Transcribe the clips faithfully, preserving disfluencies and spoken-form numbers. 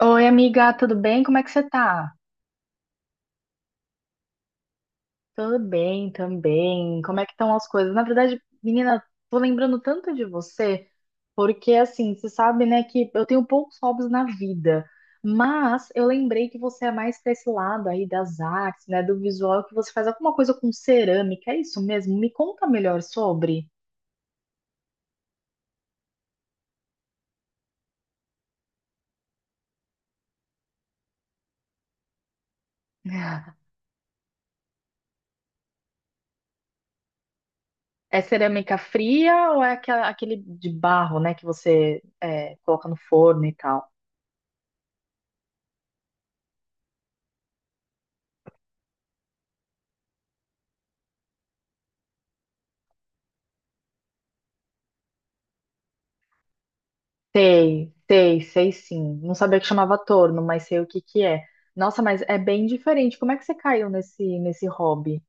Oi, amiga, tudo bem? Como é que você tá? Tudo bem também. Como é que estão as coisas? Na verdade, menina, tô lembrando tanto de você, porque assim, você sabe, né, que eu tenho poucos hobbies na vida, mas eu lembrei que você é mais pra esse lado aí das artes, né, do visual, que você faz alguma coisa com cerâmica, é isso mesmo? Me conta melhor sobre. É cerâmica fria ou é aquela- aquele de barro, né, que você é, coloca no forno e tal? Sei, sei, sei sim. Não sabia que chamava torno, mas sei o que que é. Nossa, mas é bem diferente. Como é que você caiu nesse, nesse hobby?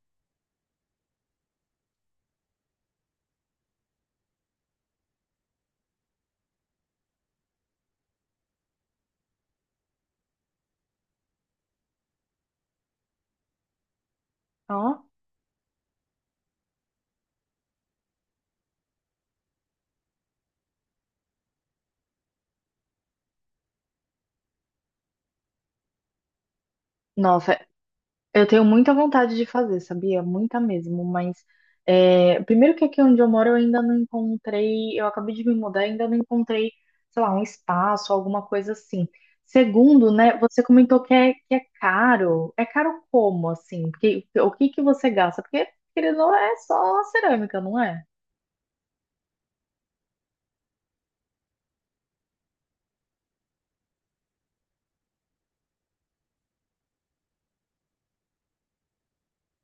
Ó, nossa, eu tenho muita vontade de fazer, sabia? Muita mesmo, mas é, primeiro que aqui onde eu moro eu ainda não encontrei, eu acabei de me mudar, ainda não encontrei, sei lá, um espaço, alguma coisa assim. Segundo, né, você comentou que é, que é caro. É caro como, assim? Porque, o que que você gasta? Porque, querendo ou não, é só cerâmica, não é?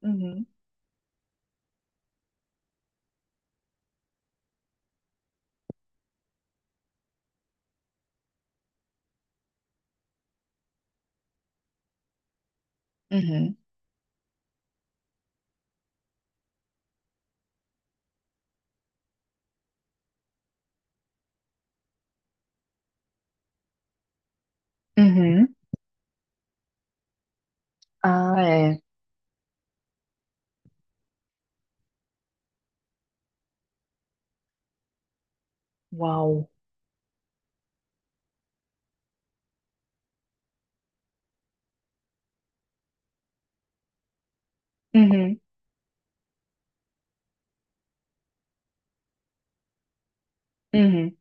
Uhum. Uhum, uhum. Ah, é. Uau. Uhum, uhum.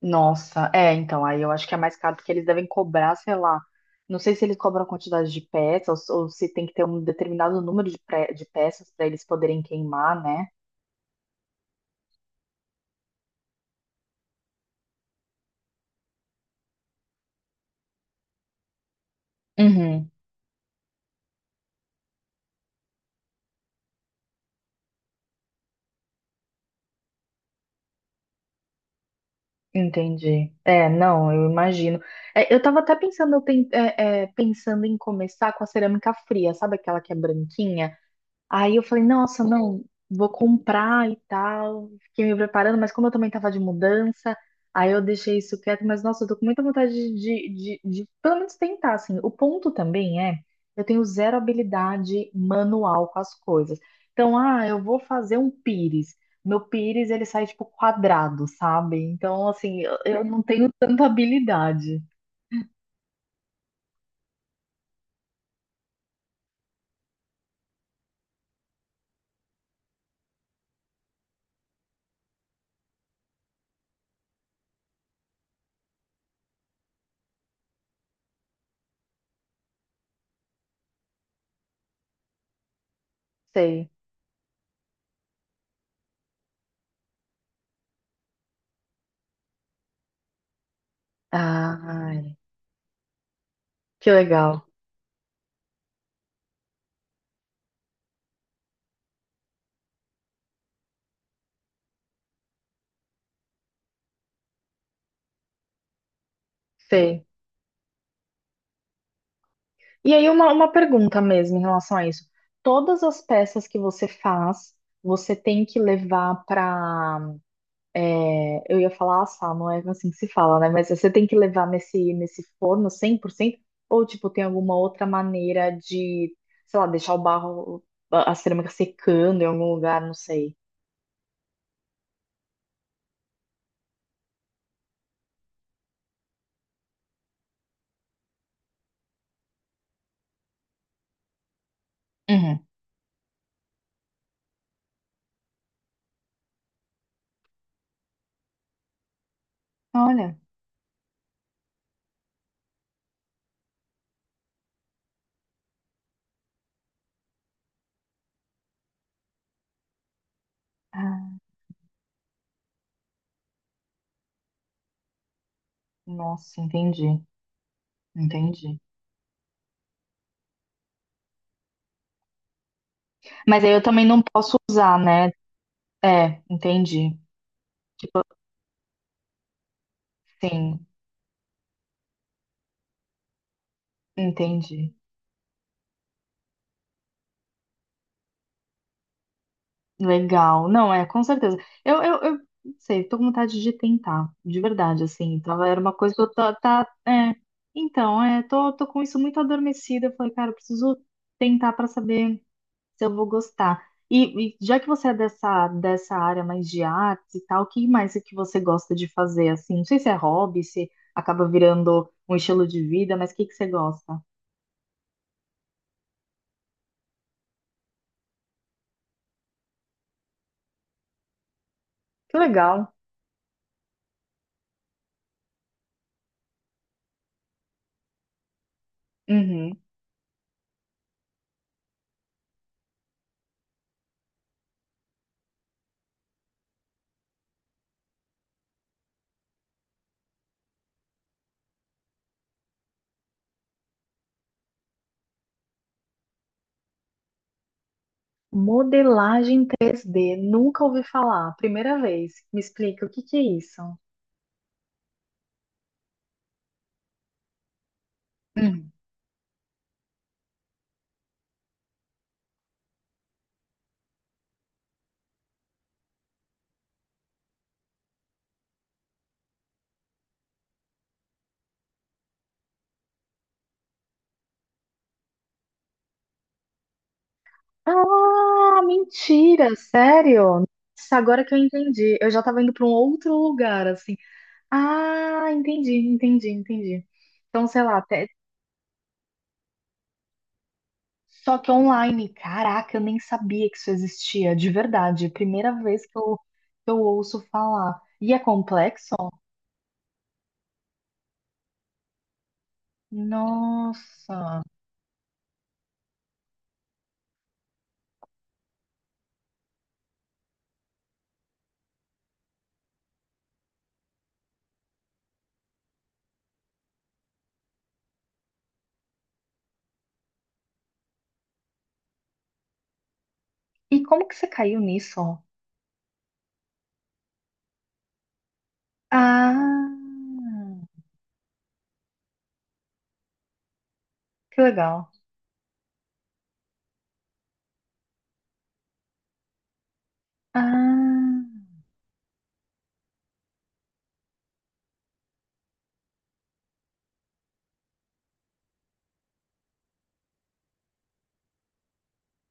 Nossa, é, então, aí eu acho que é mais caro porque eles devem cobrar, sei lá. Não sei se eles cobram a quantidade de peças ou, ou se tem que ter um determinado número de, pre- de peças para eles poderem queimar, né? Uhum, entendi. É, não, eu imagino. É, eu tava até pensando, eu pen- é, é, pensando em começar com a cerâmica fria, sabe aquela que é branquinha? Aí eu falei, nossa, não, vou comprar e tal. Fiquei me preparando, mas como eu também tava de mudança, aí eu deixei isso quieto. Mas nossa, eu tô com muita vontade de, de, de, pelo menos tentar, assim. O ponto também é, eu tenho zero habilidade manual com as coisas. Então, ah, eu vou fazer um pires. Meu pires, ele sai tipo quadrado, sabe? Então, assim, eu, eu não tenho tanta habilidade. Sei. Ai, que legal. Sei. E aí, uma, uma pergunta mesmo em relação a isso. Todas as peças que você faz, você tem que levar para. Eu ia falar assar, não é assim que se fala, né? Mas você tem que levar nesse, nesse forno cem por cento? Ou, tipo, tem alguma outra maneira de, sei lá, deixar o barro, a a cerâmica secando em algum lugar, não sei. Uhum. Olha. Ah, nossa, entendi. Entendi. Mas aí eu também não posso usar, né? É, entendi. Tipo, sim, entendi. Legal. Não, é, com certeza. Eu, eu, eu não sei, tô com vontade de tentar, de verdade, assim. Tava, era uma coisa que eu tá, tá- é. Então, é, tô, tô com isso muito adormecida. Eu falei, cara, eu preciso tentar pra saber se eu vou gostar. E, e já que você é dessa, dessa área mais de artes e tal, o que mais é que você gosta de fazer, assim? Não sei se é hobby, se acaba virando um estilo de vida, mas o que que você gosta? Que legal. Uhum. Modelagem três D, nunca ouvi falar, primeira vez. Me explica o que que é isso? Hum. Ah, mentira, sério? Nossa, agora que eu entendi. Eu já estava indo para um outro lugar, assim. Ah, entendi, entendi, entendi. Então, sei lá, até... só que online. Caraca, eu nem sabia que isso existia, de verdade. Primeira vez que eu, que eu ouço falar. E é complexo? Nossa. E como que você caiu nisso? Ah, que legal. Ah,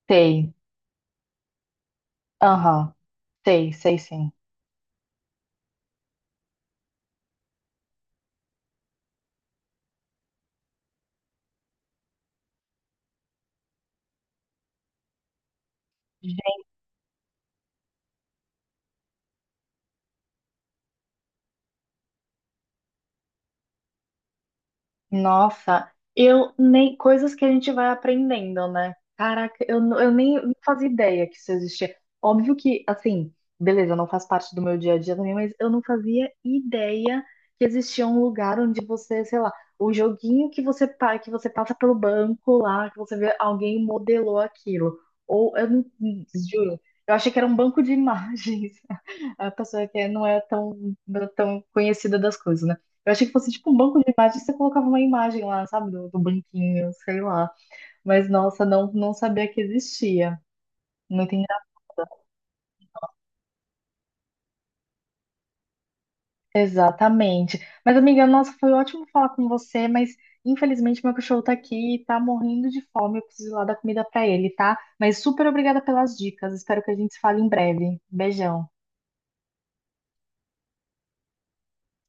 sei. Aham, sei, sei sim. Nossa, eu nem coisas que a gente vai aprendendo, né? Caraca, eu, n- eu nem não fazia ideia que isso existia. Óbvio que, assim, beleza, não faz parte do meu dia a dia também, mas eu não fazia ideia que existia um lugar onde você, sei lá, o joguinho que você, pa- que você passa pelo banco lá, que você vê alguém modelou aquilo. Ou eu não juro, eu achei que era um banco de imagens. A pessoa que não é tão, tão conhecida das coisas, né? Eu achei que fosse tipo um banco de imagens, você colocava uma imagem lá, sabe, do, do banquinho, sei lá. Mas nossa, não, não sabia que existia. Muito engraçado. Exatamente. Mas, amiga, nossa, foi ótimo falar com você, mas infelizmente meu cachorro tá aqui e tá morrendo de fome. Eu preciso ir lá dar comida pra ele, tá? Mas super obrigada pelas dicas. Espero que a gente se fale em breve. Beijão.